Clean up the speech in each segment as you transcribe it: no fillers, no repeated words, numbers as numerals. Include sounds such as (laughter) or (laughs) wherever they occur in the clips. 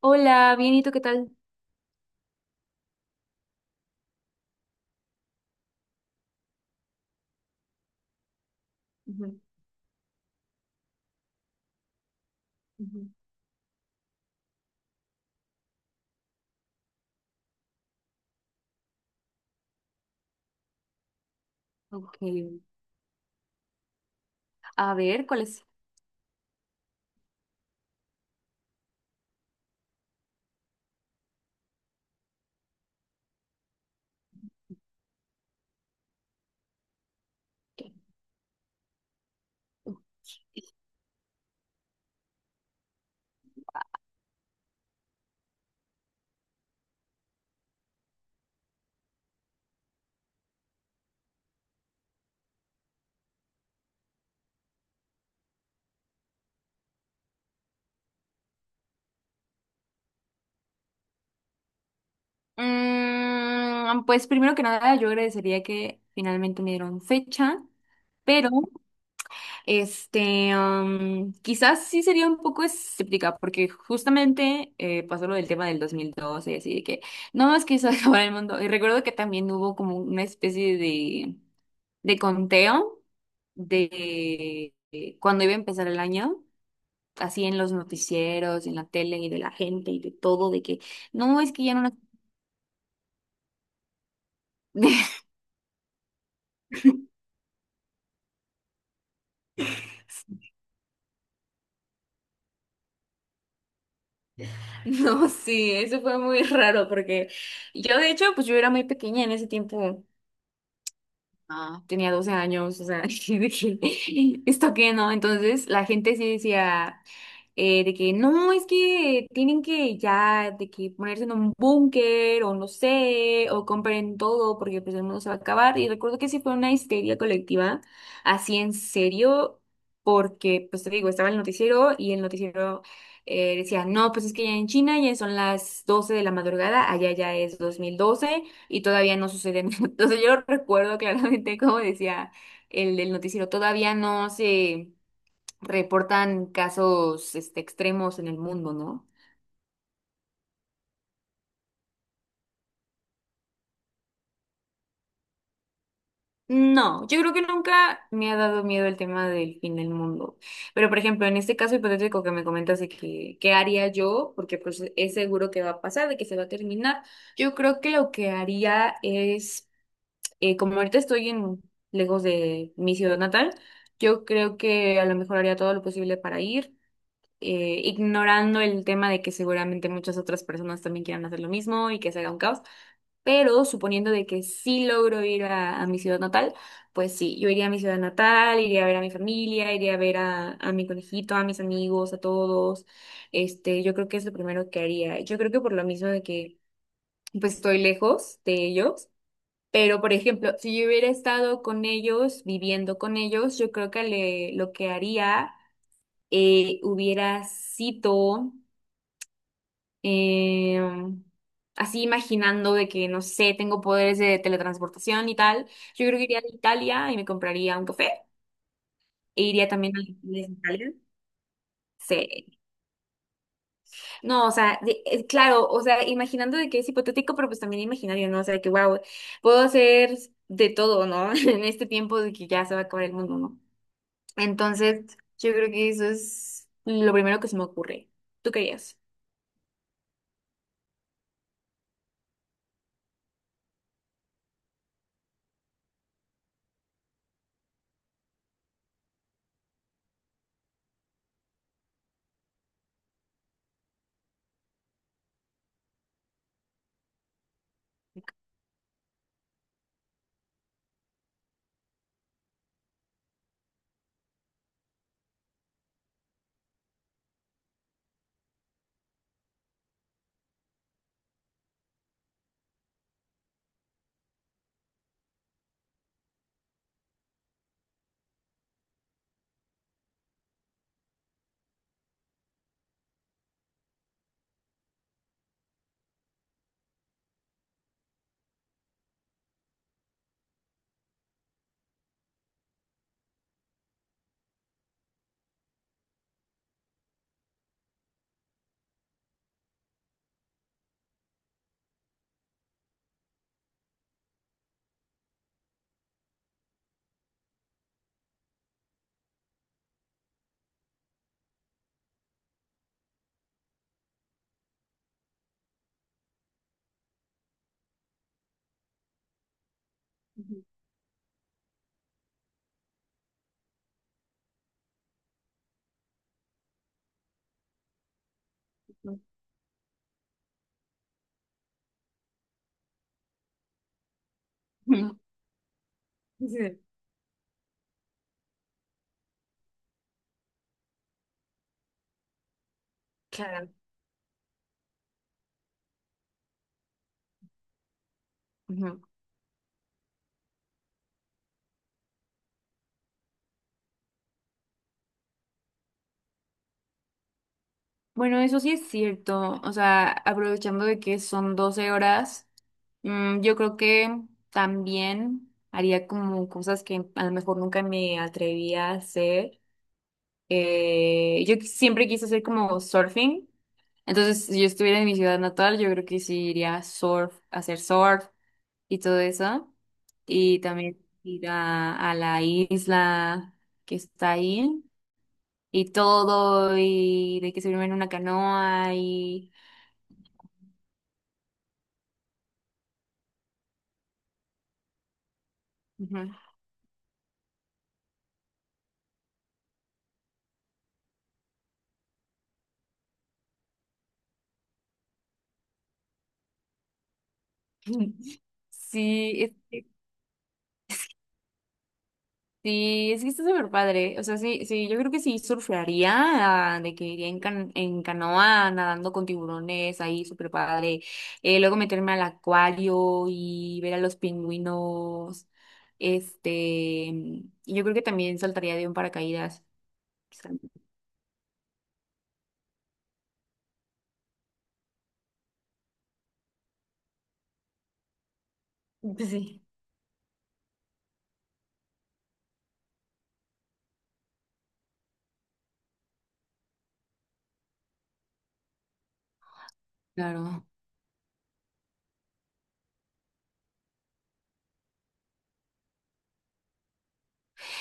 Hola, bien, ¿y tú qué tal? Ujú, ujú. Ok, a ver, ¿cuál es? Pues primero que nada, yo agradecería que finalmente me dieron fecha, pero quizás sí sería un poco escéptica, porque justamente pasó lo del tema del 2012 y así de que no más quiso (laughs) acabar el mundo. Y recuerdo que también hubo como una especie de conteo de cuando iba a empezar el año. Así en los noticieros, en la tele y de la gente y de todo, de que no, es que ya no (laughs) No, sí, eso fue muy raro porque yo de hecho, pues yo era muy pequeña en ese tiempo. Ah, tenía 12 años, o sea, (laughs) y dije, ¿esto qué no? Entonces la gente sí decía de que no, es que tienen que ya, de que ponerse en un búnker o no sé, o compren todo porque pues el mundo se va a acabar. Y recuerdo que sí fue una histeria colectiva, así en serio, porque pues te digo, estaba el noticiero y el noticiero decía, no, pues es que ya en China ya son las 12 de la madrugada, allá ya es 2012 y todavía no sucede nada. (laughs) Entonces yo recuerdo claramente como decía el del noticiero, todavía no se reportan casos extremos en el mundo, ¿no? No, yo creo que nunca me ha dado miedo el tema del fin del mundo. Pero, por ejemplo, en este caso hipotético que me comentas de que, ¿qué haría yo? Porque pues es seguro que va a pasar, de que se va a terminar. Yo creo que lo que haría es como ahorita estoy en, lejos de mi ciudad natal, yo creo que a lo mejor haría todo lo posible para ir, ignorando el tema de que seguramente muchas otras personas también quieran hacer lo mismo y que se haga un caos. Pero suponiendo de que sí logro ir a mi ciudad natal, pues sí, yo iría a mi ciudad natal, iría a ver a mi familia, iría a ver a mi conejito, a mis amigos, a todos. Este, yo creo que es lo primero que haría. Yo creo que por lo mismo de que pues estoy lejos de ellos, pero, por ejemplo, si yo hubiera estado con ellos, viviendo con ellos, yo creo que lo que haría, hubiera sido eh, así imaginando de que, no sé, tengo poderes de teletransportación y tal. Yo creo que iría a Italia y me compraría un café. E iría también a Italia. Sí. No, o sea, claro, o sea, imaginando de que es hipotético, pero pues también imaginario, ¿no? O sea, de que, wow, puedo hacer de todo, ¿no? (laughs) En este tiempo de que ya se va a acabar el mundo, ¿no? Entonces, yo creo que eso es lo primero que se me ocurre. ¿Tú querías? Ujú. (laughs) Ujú. Sí, claro. Ujú. Bueno, eso sí es cierto. O sea, aprovechando de que son 12 horas, yo creo que también haría como cosas que a lo mejor nunca me atrevía a hacer. Yo siempre quise hacer como surfing. Entonces, si yo estuviera en mi ciudad natal, yo creo que sí iría a surf, a hacer surf. Y todo eso. Y también ir a la isla que está ahí y todo, y de que se en una canoa y... Ujú. (laughs) Sí, es que está súper padre. O sea, sí, sí, yo creo que sí surfearía, ah, de que iría en, en canoa nadando con tiburones, ahí súper padre. Luego meterme al acuario y ver a los pingüinos. Este, y yo creo que también saltaría de un paracaídas. Sí, claro.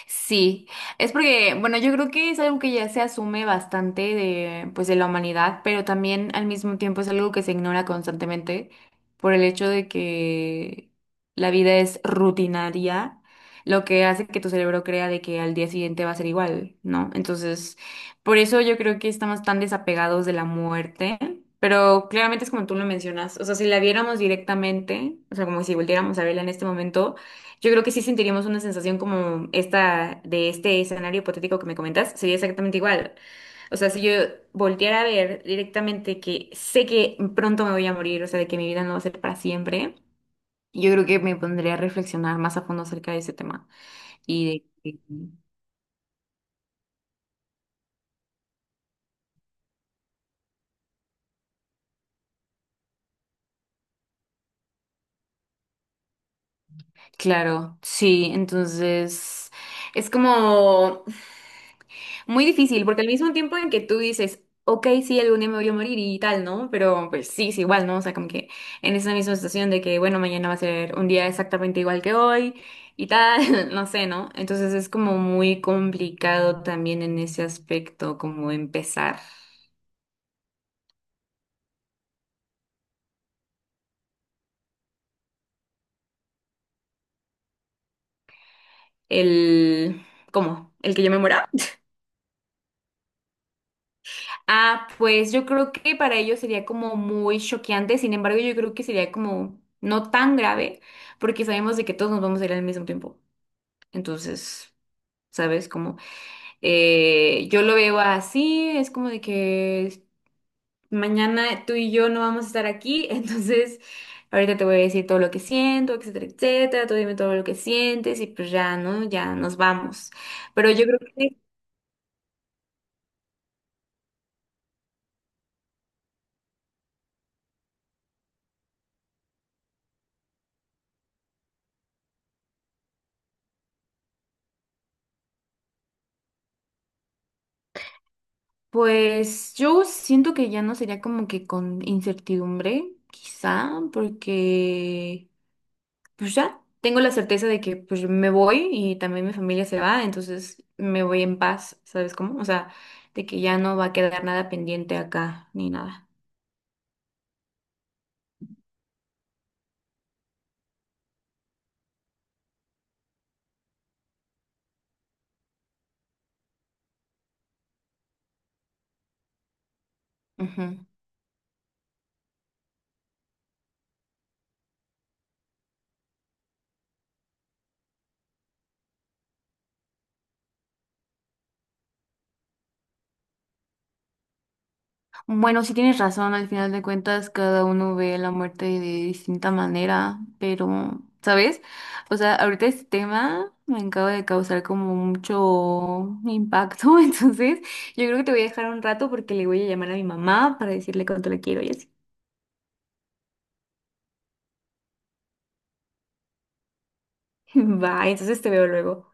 Sí, es porque, bueno, yo creo que es algo que ya se asume bastante de, pues, de la humanidad, pero también al mismo tiempo es algo que se ignora constantemente por el hecho de que la vida es rutinaria, lo que hace que tu cerebro crea de que al día siguiente va a ser igual, ¿no? Entonces, por eso yo creo que estamos tan desapegados de la muerte. Pero claramente es como tú lo mencionas, o sea, si la viéramos directamente, o sea, como si volviéramos a verla en este momento, yo creo que sí sentiríamos una sensación como esta de este escenario hipotético que me comentas, sería exactamente igual. O sea, si yo volteara a ver directamente que sé que pronto me voy a morir, o sea, de que mi vida no va a ser para siempre, yo creo que me pondría a reflexionar más a fondo acerca de ese tema. Y de que, claro, sí, entonces es como muy difícil, porque al mismo tiempo en que tú dices, ok, sí, algún día me voy a morir y tal, ¿no? Pero pues sí, es igual, ¿no? O sea, como que en esa misma situación de que, bueno, mañana va a ser un día exactamente igual que hoy y tal, (laughs) no sé, ¿no? Entonces es como muy complicado también en ese aspecto, como empezar el, ¿cómo? ¿El que yo me muera? (laughs) Ah, pues yo creo que para ellos sería como muy choqueante, sin embargo, yo creo que sería como no tan grave, porque sabemos de que todos nos vamos a ir al mismo tiempo. Entonces, ¿sabes? Como yo lo veo así, es como de que mañana tú y yo no vamos a estar aquí, (laughs) entonces ahorita te voy a decir todo lo que siento, etcétera, etcétera, tú dime todo lo que sientes y pues ya, ¿no? Ya nos vamos. Pero yo creo que, pues yo siento que ya no sería como que con incertidumbre, quizá, porque... pues ya tengo la certeza de que pues me voy y también mi familia se va, entonces me voy en paz, ¿sabes cómo? O sea, de que ya no va a quedar nada pendiente acá ni nada. Ujú. Bueno, sí tienes razón, al final de cuentas cada uno ve la muerte de distinta manera, pero, ¿sabes? O sea, ahorita este tema me acaba de causar como mucho impacto, (laughs) entonces yo creo que te voy a dejar un rato porque le voy a llamar a mi mamá para decirle cuánto la quiero y así. (laughs) Va, entonces te veo luego.